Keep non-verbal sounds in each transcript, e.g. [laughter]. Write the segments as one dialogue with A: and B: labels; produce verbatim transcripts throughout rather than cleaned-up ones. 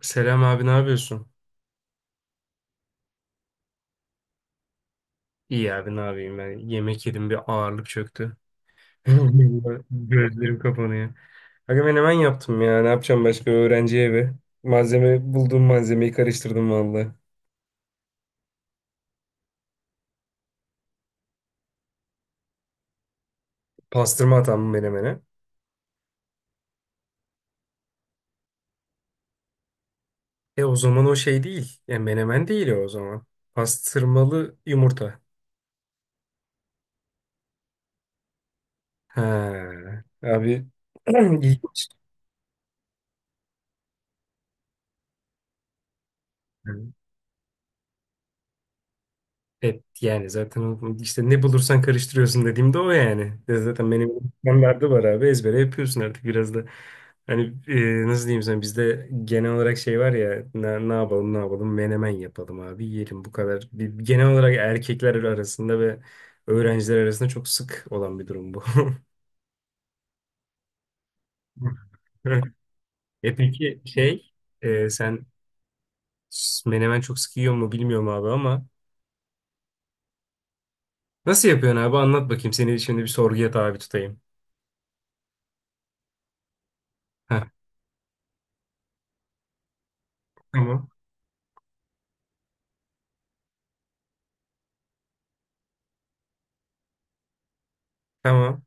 A: Selam abi ne yapıyorsun? İyi abi ne yapayım ben yemek yedim bir ağırlık çöktü. [laughs] Gözlerim kapanıyor. Aga ben hemen yaptım ya ne yapacağım başka öğrenci evi. Malzeme bulduğum malzemeyi karıştırdım vallahi. Pastırma atam menemene. E o zaman o şey değil. E menemen değil o zaman. Pastırmalı yumurta. Ha, abi [clears throat] ilginç. Evet yani zaten o- işte ne bulursan karıştırıyorsun dediğimde o yani. Ya zaten benim standardı var abi ezbere yapıyorsun artık biraz da. Hani e, nasıl diyeyim sana bizde genel olarak şey var ya ne, ne yapalım ne yapalım menemen yapalım abi yiyelim bu kadar. Bir, genel olarak erkekler arasında ve öğrenciler arasında çok sık olan bir durum bu. [laughs] E peki şey e, sen menemen çok sık yiyor mu bilmiyorum abi ama nasıl yapıyorsun abi anlat bakayım seni şimdi bir sorguya tabi tutayım. Heh, tamam. Tamam.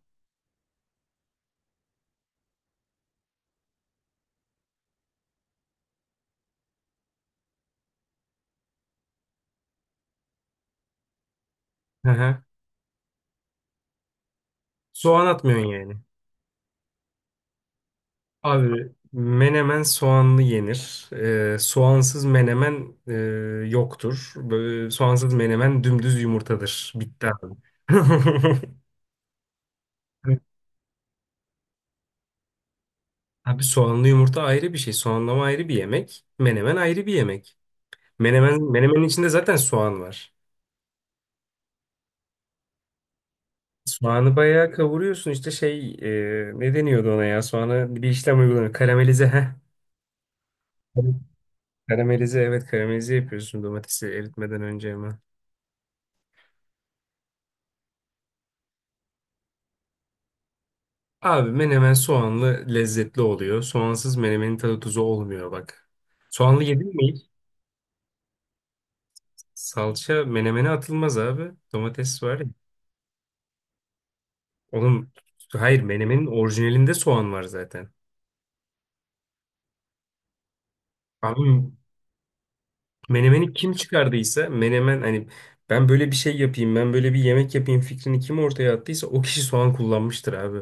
A: Hı hı. Soğan atmıyorsun yani. Abi menemen soğanlı yenir. Ee, soğansız menemen e, yoktur. Böyle, soğansız menemen dümdüz yumurtadır. Bitti abi. [laughs] Abi soğanlı yumurta ayrı bir şey. Soğanlama ayrı bir yemek. Menemen ayrı bir yemek. Menemen, menemenin içinde zaten soğan var. Soğanı bayağı kavuruyorsun. İşte şey e, ne deniyordu ona ya? Soğanı bir işlem uygulanıyor. Karamelize. Heh. Karamelize, evet, karamelize yapıyorsun domatesi eritmeden önce hemen. Abi menemen soğanlı lezzetli oluyor. Soğansız menemenin tadı tuzu olmuyor bak. Soğanlı yedin mi hiç? Salça menemene atılmaz abi. Domates var ya. Oğlum hayır, menemenin orijinalinde soğan var zaten. Abi menemeni kim çıkardıysa menemen hani ben böyle bir şey yapayım ben böyle bir yemek yapayım fikrini kim ortaya attıysa o kişi soğan kullanmıştır abi.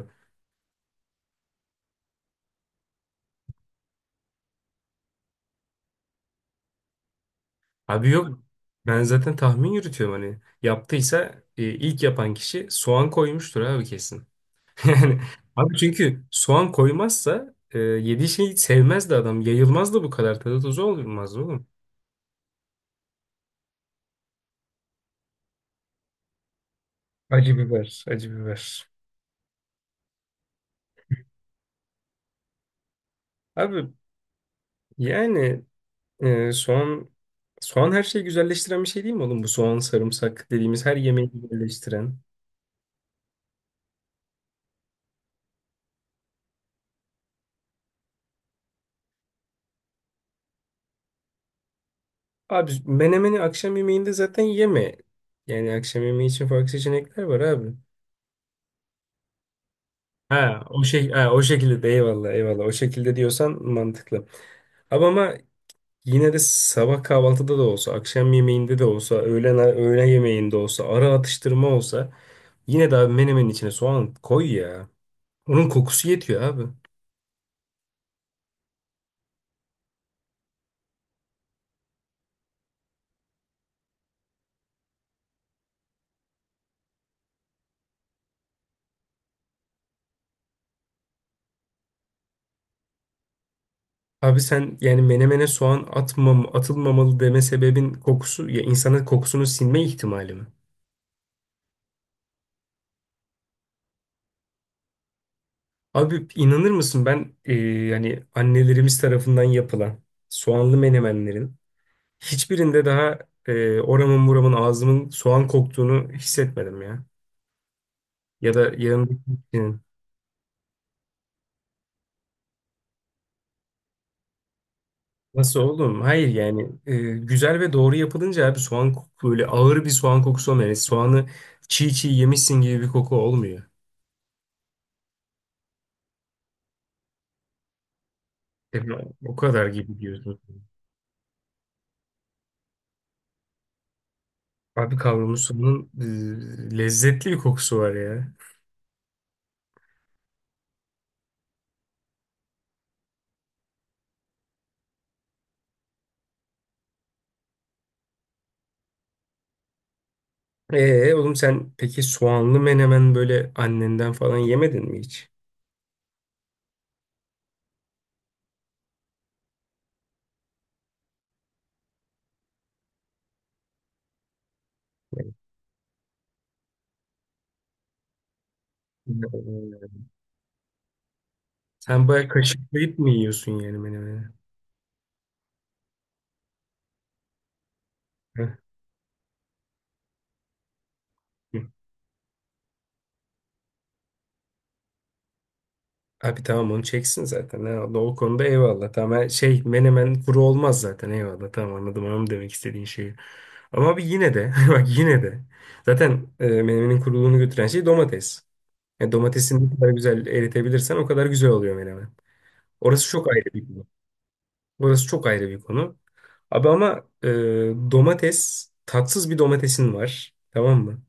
A: Abi yok. Ben zaten tahmin yürütüyorum hani. Yaptıysa e, ilk yapan kişi soğan koymuştur abi kesin. [laughs] Yani abi çünkü soğan koymazsa e, yediği şeyi sevmezdi adam. Yayılmazdı bu kadar, tadı tuzu olmaz oğlum. Acı biber, acı biber. Abi yani e, soğan soğan her şeyi güzelleştiren bir şey değil mi oğlum? Bu soğan sarımsak dediğimiz her yemeği güzelleştiren. Abi menemeni akşam yemeğinde zaten yeme. Yani akşam yemeği için farklı seçenekler var abi. Ha, o şey ha, o şekilde de eyvallah, eyvallah, o şekilde diyorsan mantıklı. Ama ama yine de sabah kahvaltıda da olsa, akşam yemeğinde de olsa, öğlen öğle yemeğinde olsa, ara atıştırma olsa yine de abi menemenin içine soğan koy ya. Onun kokusu yetiyor abi. Abi sen yani menemene soğan atmam, atılmamalı deme sebebin kokusu ya insanın kokusunu sinme ihtimali mi? Abi inanır mısın ben e, yani annelerimiz tarafından yapılan soğanlı menemenlerin hiçbirinde daha e, oramın buramın ağzımın soğan koktuğunu hissetmedim ya. Ya da yanımdaki kişinin. Nasıl oğlum? Hayır yani e, güzel ve doğru yapılınca abi soğan koku böyle ağır bir soğan kokusu olmuyor. Yani soğanı çiğ çiğ yemişsin gibi bir koku olmuyor. E, O kadar gibi diyorsun. Abi kavrulmuş soğanın e, lezzetli bir kokusu var ya. E oğlum sen peki soğanlı menemen böyle annenden falan yemedin mi hiç? Yani, sen bayağı kaşıklayıp mı yiyorsun yani menemeni? Heh. Abi tamam onu çeksin zaten. Eyvallah. O konuda eyvallah. Tamam her şey menemen kuru olmaz zaten. Eyvallah tamam, anladım, anladım demek istediğin şeyi. Ama abi yine de [laughs] bak yine de zaten e, menemenin kuruluğunu götüren şey domates. Yani domatesini ne kadar güzel eritebilirsen o kadar güzel oluyor menemen. Orası çok ayrı bir konu. Orası çok ayrı bir konu. Abi ama e, domates tatsız bir domatesin var. Tamam mı?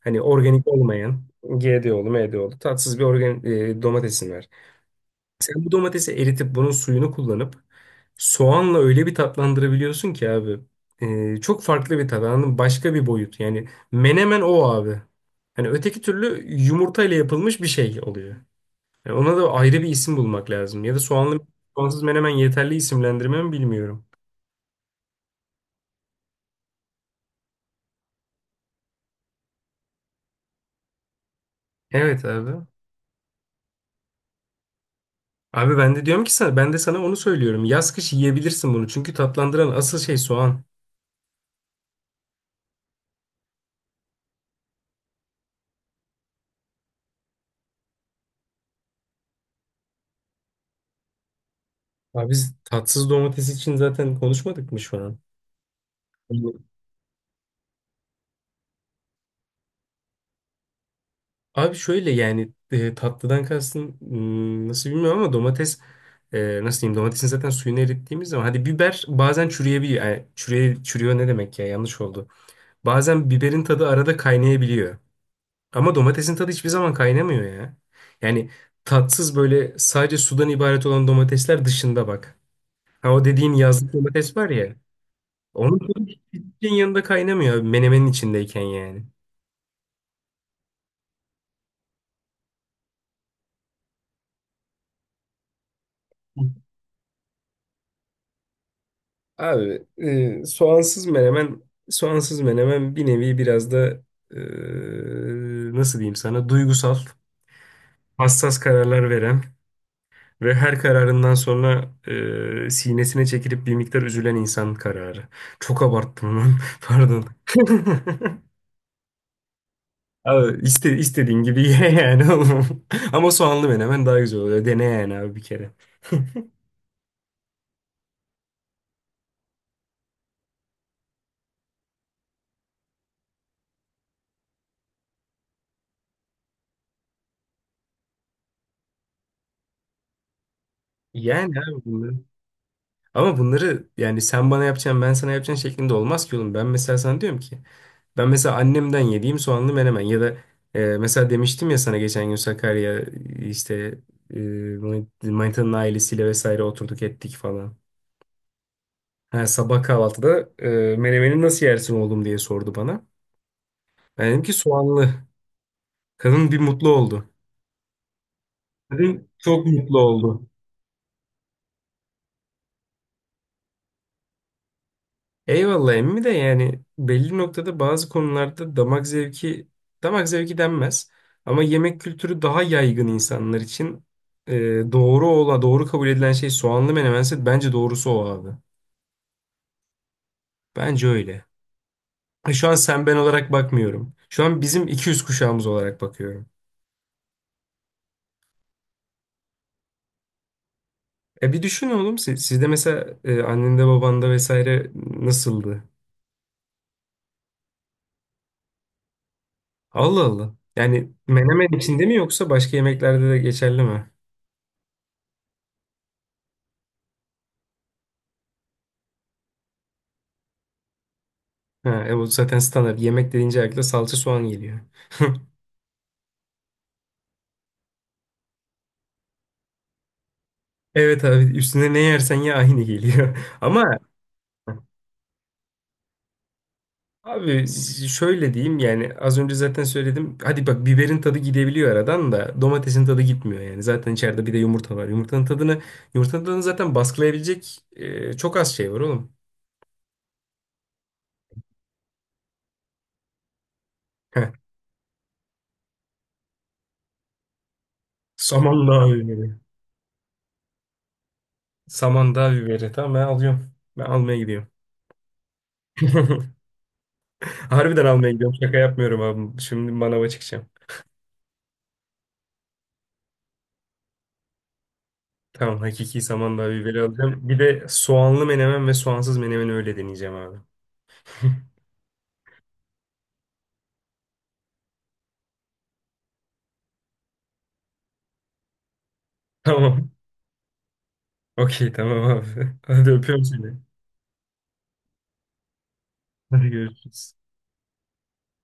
A: Hani organik olmayan G D O'lu, M D O'lu tatsız bir organ, e, domatesin var. Sen bu domatesi eritip bunun suyunu kullanıp soğanla öyle bir tatlandırabiliyorsun ki abi. E, çok farklı bir tat anladın mı? Başka bir boyut. Yani menemen o abi. Hani öteki türlü yumurtayla yapılmış bir şey oluyor. Yani ona da ayrı bir isim bulmak lazım. Ya da soğanlı soğansız menemen yeterli isimlendirme mi bilmiyorum. Evet abi. Abi ben de diyorum ki sana ben de sana onu söylüyorum. Yaz kış yiyebilirsin bunu. Çünkü tatlandıran asıl şey soğan. Abi biz tatsız domates için zaten konuşmadık mı şu an? Abi şöyle yani e, tatlıdan kastın hmm, nasıl bilmiyorum ama domates e, nasıl diyeyim domatesin zaten suyunu erittiğimiz zaman hadi biber bazen çürüyebiliyor. Yani çürüye, çürüyor ne demek ya, yanlış oldu. Bazen biberin tadı arada kaynayabiliyor. Ama domatesin tadı hiçbir zaman kaynamıyor ya. Yani tatsız böyle sadece sudan ibaret olan domatesler dışında bak. Ha o dediğin yazlık domates var ya. Onun tadı hiçbir şeyin yanında kaynamıyor abi, menemenin içindeyken yani. Hı. Abi e, soğansız menemen soğansız menemen bir nevi biraz da e, nasıl diyeyim sana duygusal, hassas kararlar veren ve her kararından sonra e, sinesine çekilip bir miktar üzülen insan kararı. Çok abarttım lan. [laughs] Pardon. [laughs] Abi iste, istediğin gibi ye yani oğlum. [laughs] Ama soğanlı menemen daha güzel oluyor. Dene yani abi bir kere. Yani abi bunları. Ama bunları yani sen bana yapacaksın ben sana yapacağım şeklinde olmaz ki oğlum. Ben mesela sana diyorum ki ben mesela annemden yediğim soğanlı menemen ya da e, mesela demiştim ya sana geçen gün Sakarya işte e, Manita'nın ailesiyle vesaire oturduk ettik falan. Ha, sabah kahvaltıda e, menemeni nasıl yersin oğlum diye sordu bana. Ben dedim ki soğanlı. Kadın bir mutlu oldu. Kadın çok mutlu oldu. Eyvallah emmi de yani belli noktada bazı konularda damak zevki damak zevki denmez ama yemek kültürü daha yaygın insanlar için e, doğru ola doğru kabul edilen şey soğanlı menemense bence doğrusu o abi. Bence öyle. E, şu an sen ben olarak bakmıyorum. Şu an bizim iki yüz kuşağımız olarak bakıyorum. E bir düşün oğlum siz, sizde mesela e, annende babanda vesaire nasıldı? Allah Allah. Yani menemen içinde mi yoksa başka yemeklerde de geçerli mi? Ha, e, o zaten standart. Yemek dediğince akla salça soğan geliyor. [laughs] Evet abi üstüne ne yersen ye aynı geliyor. [laughs] Ama abi şöyle diyeyim yani az önce zaten söyledim. Hadi bak biberin tadı gidebiliyor aradan da domatesin tadı gitmiyor yani. Zaten içeride bir de yumurta var. Yumurtanın tadını yumurtanın tadını zaten baskılayabilecek e, çok az şey var oğlum. Heh. Samandağ [laughs] biberi. Samandağ biberi. Tamam ben alıyorum. Ben almaya gidiyorum. [laughs] Harbiden almaya gidiyorum. Şaka yapmıyorum abi. Şimdi manava çıkacağım. Tamam hakiki samandağ biberi alacağım. Bir de soğanlı menemen ve soğansız menemen öyle deneyeceğim abi. [laughs] Tamam. Okey tamam abi. [laughs] Hadi öpüyorum seni. Hadi görüşürüz.